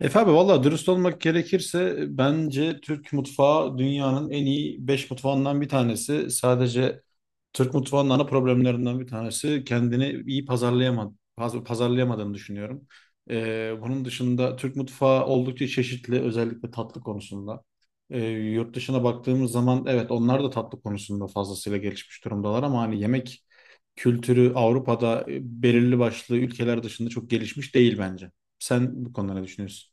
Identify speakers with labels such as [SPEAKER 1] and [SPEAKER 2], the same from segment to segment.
[SPEAKER 1] Efe abi valla dürüst olmak gerekirse bence Türk mutfağı dünyanın en iyi 5 mutfağından bir tanesi. Sadece Türk mutfağının ana problemlerinden bir tanesi kendini iyi pazarlayamadığını düşünüyorum. Bunun dışında Türk mutfağı oldukça çeşitli özellikle tatlı konusunda. Yurt dışına baktığımız zaman evet onlar da tatlı konusunda fazlasıyla gelişmiş durumdalar ama hani yemek kültürü Avrupa'da belirli başlı ülkeler dışında çok gelişmiş değil bence. Sen bu konuda ne düşünüyorsun?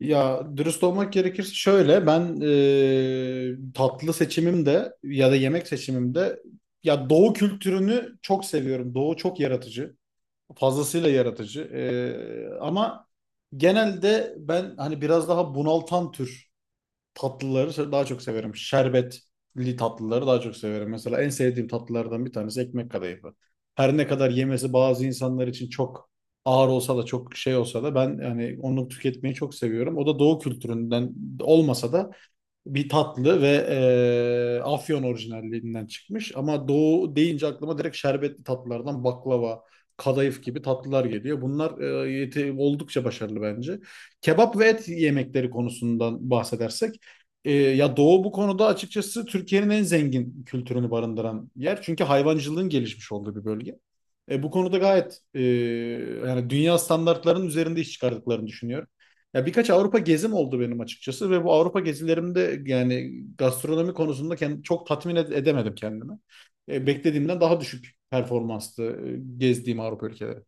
[SPEAKER 1] Ya dürüst olmak gerekirse şöyle ben tatlı seçimimde ya da yemek seçimimde ya Doğu kültürünü çok seviyorum. Doğu çok yaratıcı. Fazlasıyla yaratıcı. Ama genelde ben hani biraz daha bunaltan tür daha çok severim. Şerbetli tatlıları daha çok severim. Mesela en sevdiğim tatlılardan bir tanesi ekmek kadayıfı. Her ne kadar yemesi bazı insanlar için çok ağır olsa da çok şey olsa da ben yani onu tüketmeyi çok seviyorum. O da doğu kültüründen olmasa da bir tatlı ve Afyon orijinallerinden çıkmış. Ama Doğu deyince aklıma direkt şerbetli tatlılardan baklava, kadayıf gibi tatlılar geliyor. Bunlar oldukça başarılı bence. Kebap ve et yemekleri konusundan bahsedersek, ya Doğu bu konuda açıkçası Türkiye'nin en zengin kültürünü barındıran yer. Çünkü hayvancılığın gelişmiş olduğu bir bölge. Bu konuda gayet yani dünya standartlarının üzerinde iş çıkardıklarını düşünüyorum. Ya birkaç Avrupa gezim oldu benim açıkçası ve bu Avrupa gezilerimde yani gastronomi konusunda edemedim kendimi. Beklediğimden daha düşük performanstı gezdiğim Avrupa ülkeleri.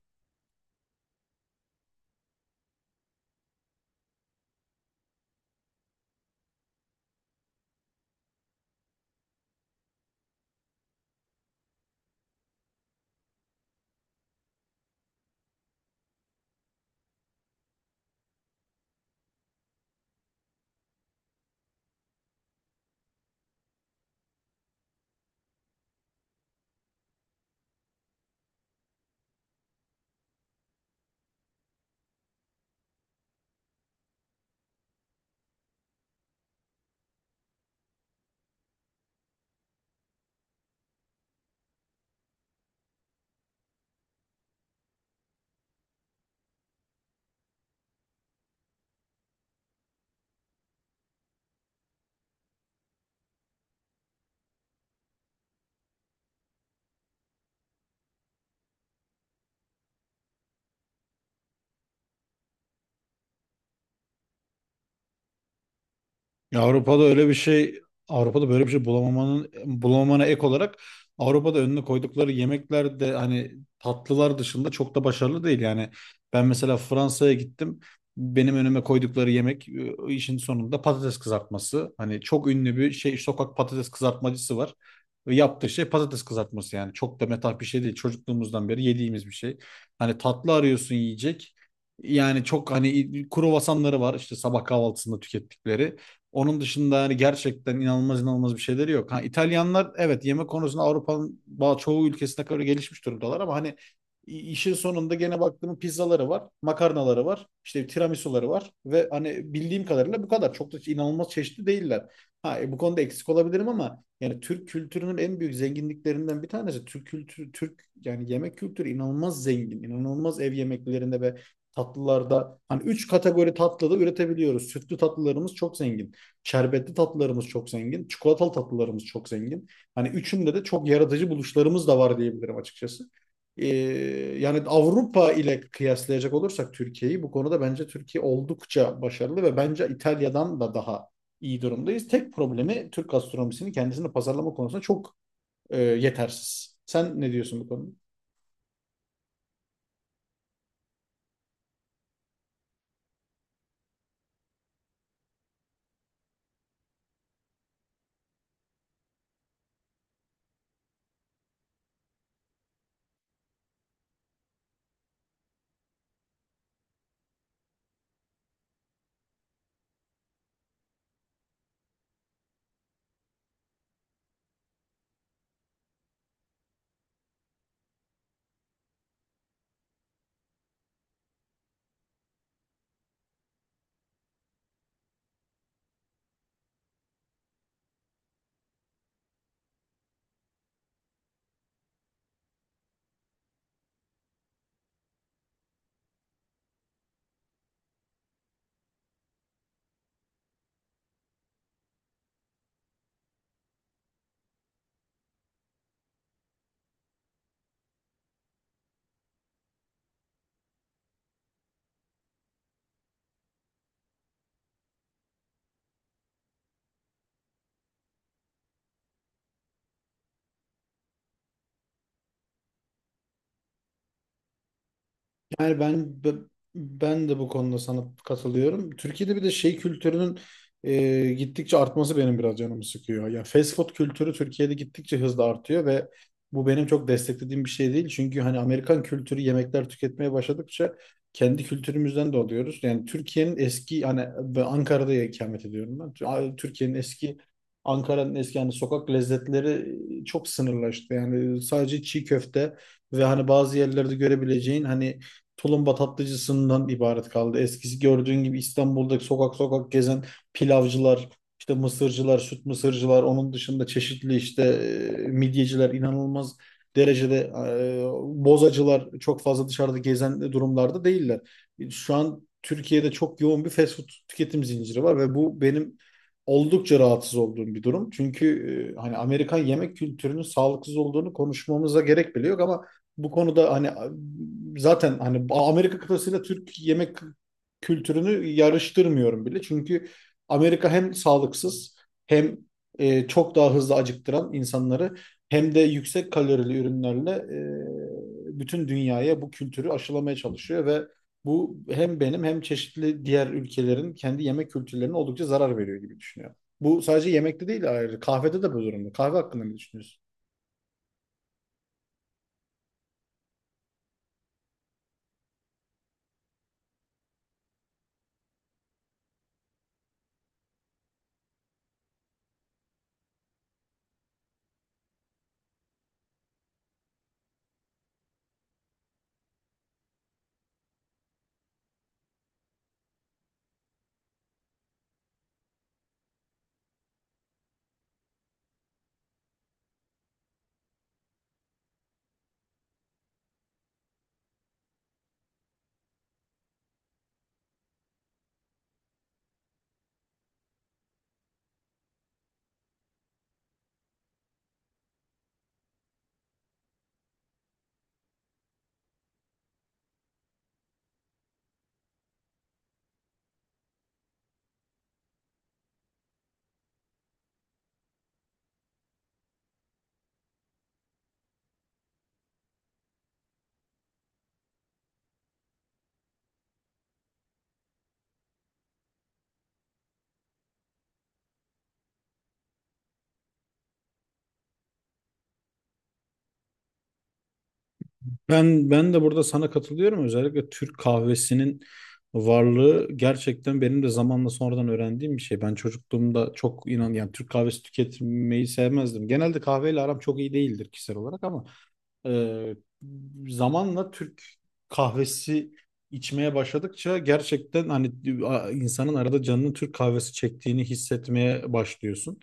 [SPEAKER 1] Ya Avrupa'da öyle bir şey, Avrupa'da böyle bir şey bulamamana ek olarak Avrupa'da önüne koydukları yemekler de hani tatlılar dışında çok da başarılı değil. Yani ben mesela Fransa'ya gittim. Benim önüme koydukları yemek işin sonunda patates kızartması. Hani çok ünlü bir şey sokak patates kızartmacısı var. Ve yaptığı şey patates kızartması yani. Çok da metah bir şey değil. Çocukluğumuzdan beri yediğimiz bir şey. Hani tatlı arıyorsun yiyecek. Yani çok hani kruvasanları var işte sabah kahvaltısında tükettikleri. Onun dışında hani gerçekten inanılmaz bir şeyleri yok. Ha, İtalyanlar evet yemek konusunda çoğu ülkesine kadar gelişmiş durumdalar ama hani işin sonunda gene baktığım pizzaları var, makarnaları var, işte tiramisuları var ve hani bildiğim kadarıyla bu kadar. Çok da inanılmaz çeşitli değiller. Ha, bu konuda eksik olabilirim ama yani Türk kültürünün en büyük zenginliklerinden bir tanesi Türk kültürü, Türk yani yemek kültürü inanılmaz zengin, inanılmaz ev yemeklerinde ve tatlılarda hani üç kategori tatlı da üretebiliyoruz. Sütlü tatlılarımız çok zengin. Şerbetli tatlılarımız çok zengin. Çikolatalı tatlılarımız çok zengin. Hani üçünde de çok yaratıcı buluşlarımız da var diyebilirim açıkçası. Ee, Yani Avrupa ile kıyaslayacak olursak Türkiye'yi bu konuda bence Türkiye oldukça başarılı ve bence İtalya'dan da daha iyi durumdayız. Tek problemi Türk gastronomisinin kendisini pazarlama konusunda çok yetersiz. Sen ne diyorsun bu konuda? Yani ben de bu konuda sana katılıyorum. Türkiye'de bir de şey kültürünün gittikçe artması benim biraz canımı sıkıyor. Ya fast food kültürü Türkiye'de gittikçe hızla artıyor ve bu benim çok desteklediğim bir şey değil. Çünkü hani Amerikan kültürü yemekler tüketmeye başladıkça kendi kültürümüzden de oluyoruz. Yani Türkiye'nin eski hani ben Ankara'da ikamet ediyorum ben. Türkiye'nin eski Ankara'nın eski yani sokak lezzetleri çok sınırlaştı. Yani sadece çiğ köfte ve hani bazı yerlerde görebileceğin hani tulumba tatlıcısından ibaret kaldı. Eskisi gördüğün gibi İstanbul'daki sokak gezen pilavcılar, işte mısırcılar, süt mısırcılar, onun dışında çeşitli işte midyeciler inanılmaz derecede e, bozacılar çok fazla dışarıda gezen durumlarda değiller. Şu an Türkiye'de çok yoğun bir fast food tüketim zinciri var ve bu benim oldukça rahatsız olduğum bir durum. Çünkü hani Amerikan yemek kültürünün sağlıksız olduğunu konuşmamıza gerek bile yok ama bu konuda hani zaten hani Amerika kıtasıyla Türk yemek kültürünü yarıştırmıyorum bile. Çünkü Amerika hem sağlıksız hem çok daha hızlı acıktıran insanları hem de yüksek kalorili ürünlerle bütün dünyaya bu kültürü aşılamaya çalışıyor ve bu hem benim hem çeşitli diğer ülkelerin kendi yemek kültürlerine oldukça zarar veriyor gibi düşünüyorum. Bu sadece yemekte değil ayrı. Kahvede de bu durumda. Kahve hakkında ne düşünüyorsun? Ben de burada sana katılıyorum. Özellikle Türk kahvesinin varlığı gerçekten benim de zamanla sonradan öğrendiğim bir şey. Ben çocukluğumda çok inan yani Türk kahvesi tüketmeyi sevmezdim. Genelde kahveyle aram çok iyi değildir kişisel olarak ama ee, zamanla Türk kahvesi içmeye başladıkça gerçekten hani insanın arada canının Türk kahvesi çektiğini hissetmeye başlıyorsun.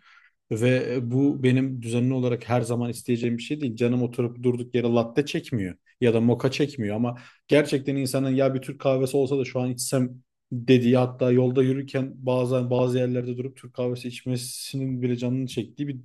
[SPEAKER 1] Ve bu benim düzenli olarak her zaman isteyeceğim bir şey değil. Canım oturup durduk yere latte çekmiyor ya da moka çekmiyor ama gerçekten insanın ya bir Türk kahvesi olsa da şu an içsem dediği hatta yolda yürürken bazen bazı yerlerde durup Türk kahvesi içmesinin bile canını çektiği bir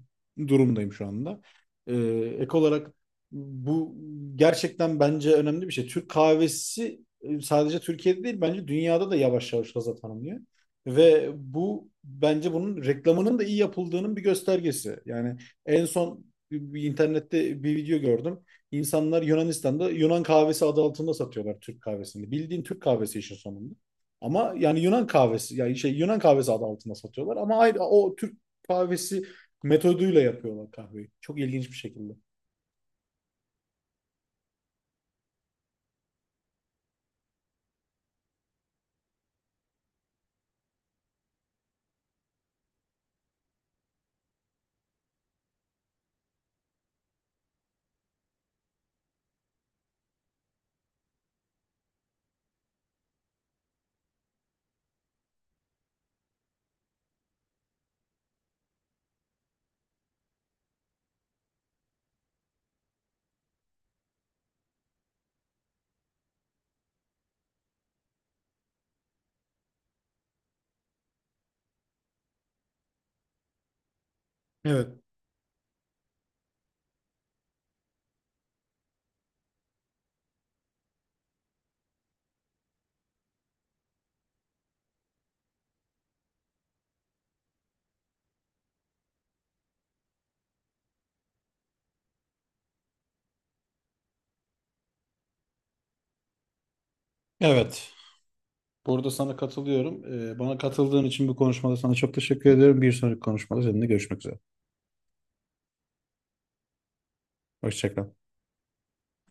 [SPEAKER 1] durumdayım şu anda. Ee, Ek olarak bu gerçekten bence önemli bir şey. Türk kahvesi sadece Türkiye'de değil bence dünyada da yavaş yavaş gaza tanımlıyor. Ve bu bence bunun reklamının da iyi yapıldığının bir göstergesi. Yani en son bir internette bir video gördüm. İnsanlar Yunanistan'da Yunan kahvesi adı altında satıyorlar Türk kahvesini. Bildiğin Türk kahvesi işin sonunda. Ama yani Yunan kahvesi yani şey Yunan kahvesi adı altında satıyorlar ama ayrı o Türk kahvesi metoduyla yapıyorlar kahveyi. Çok ilginç bir şekilde. Evet. Evet. Burada sana katılıyorum. Bana katıldığın için bu konuşmada sana çok teşekkür ederim. Bir sonraki konuşmada seninle görüşmek üzere. Hoşça kal.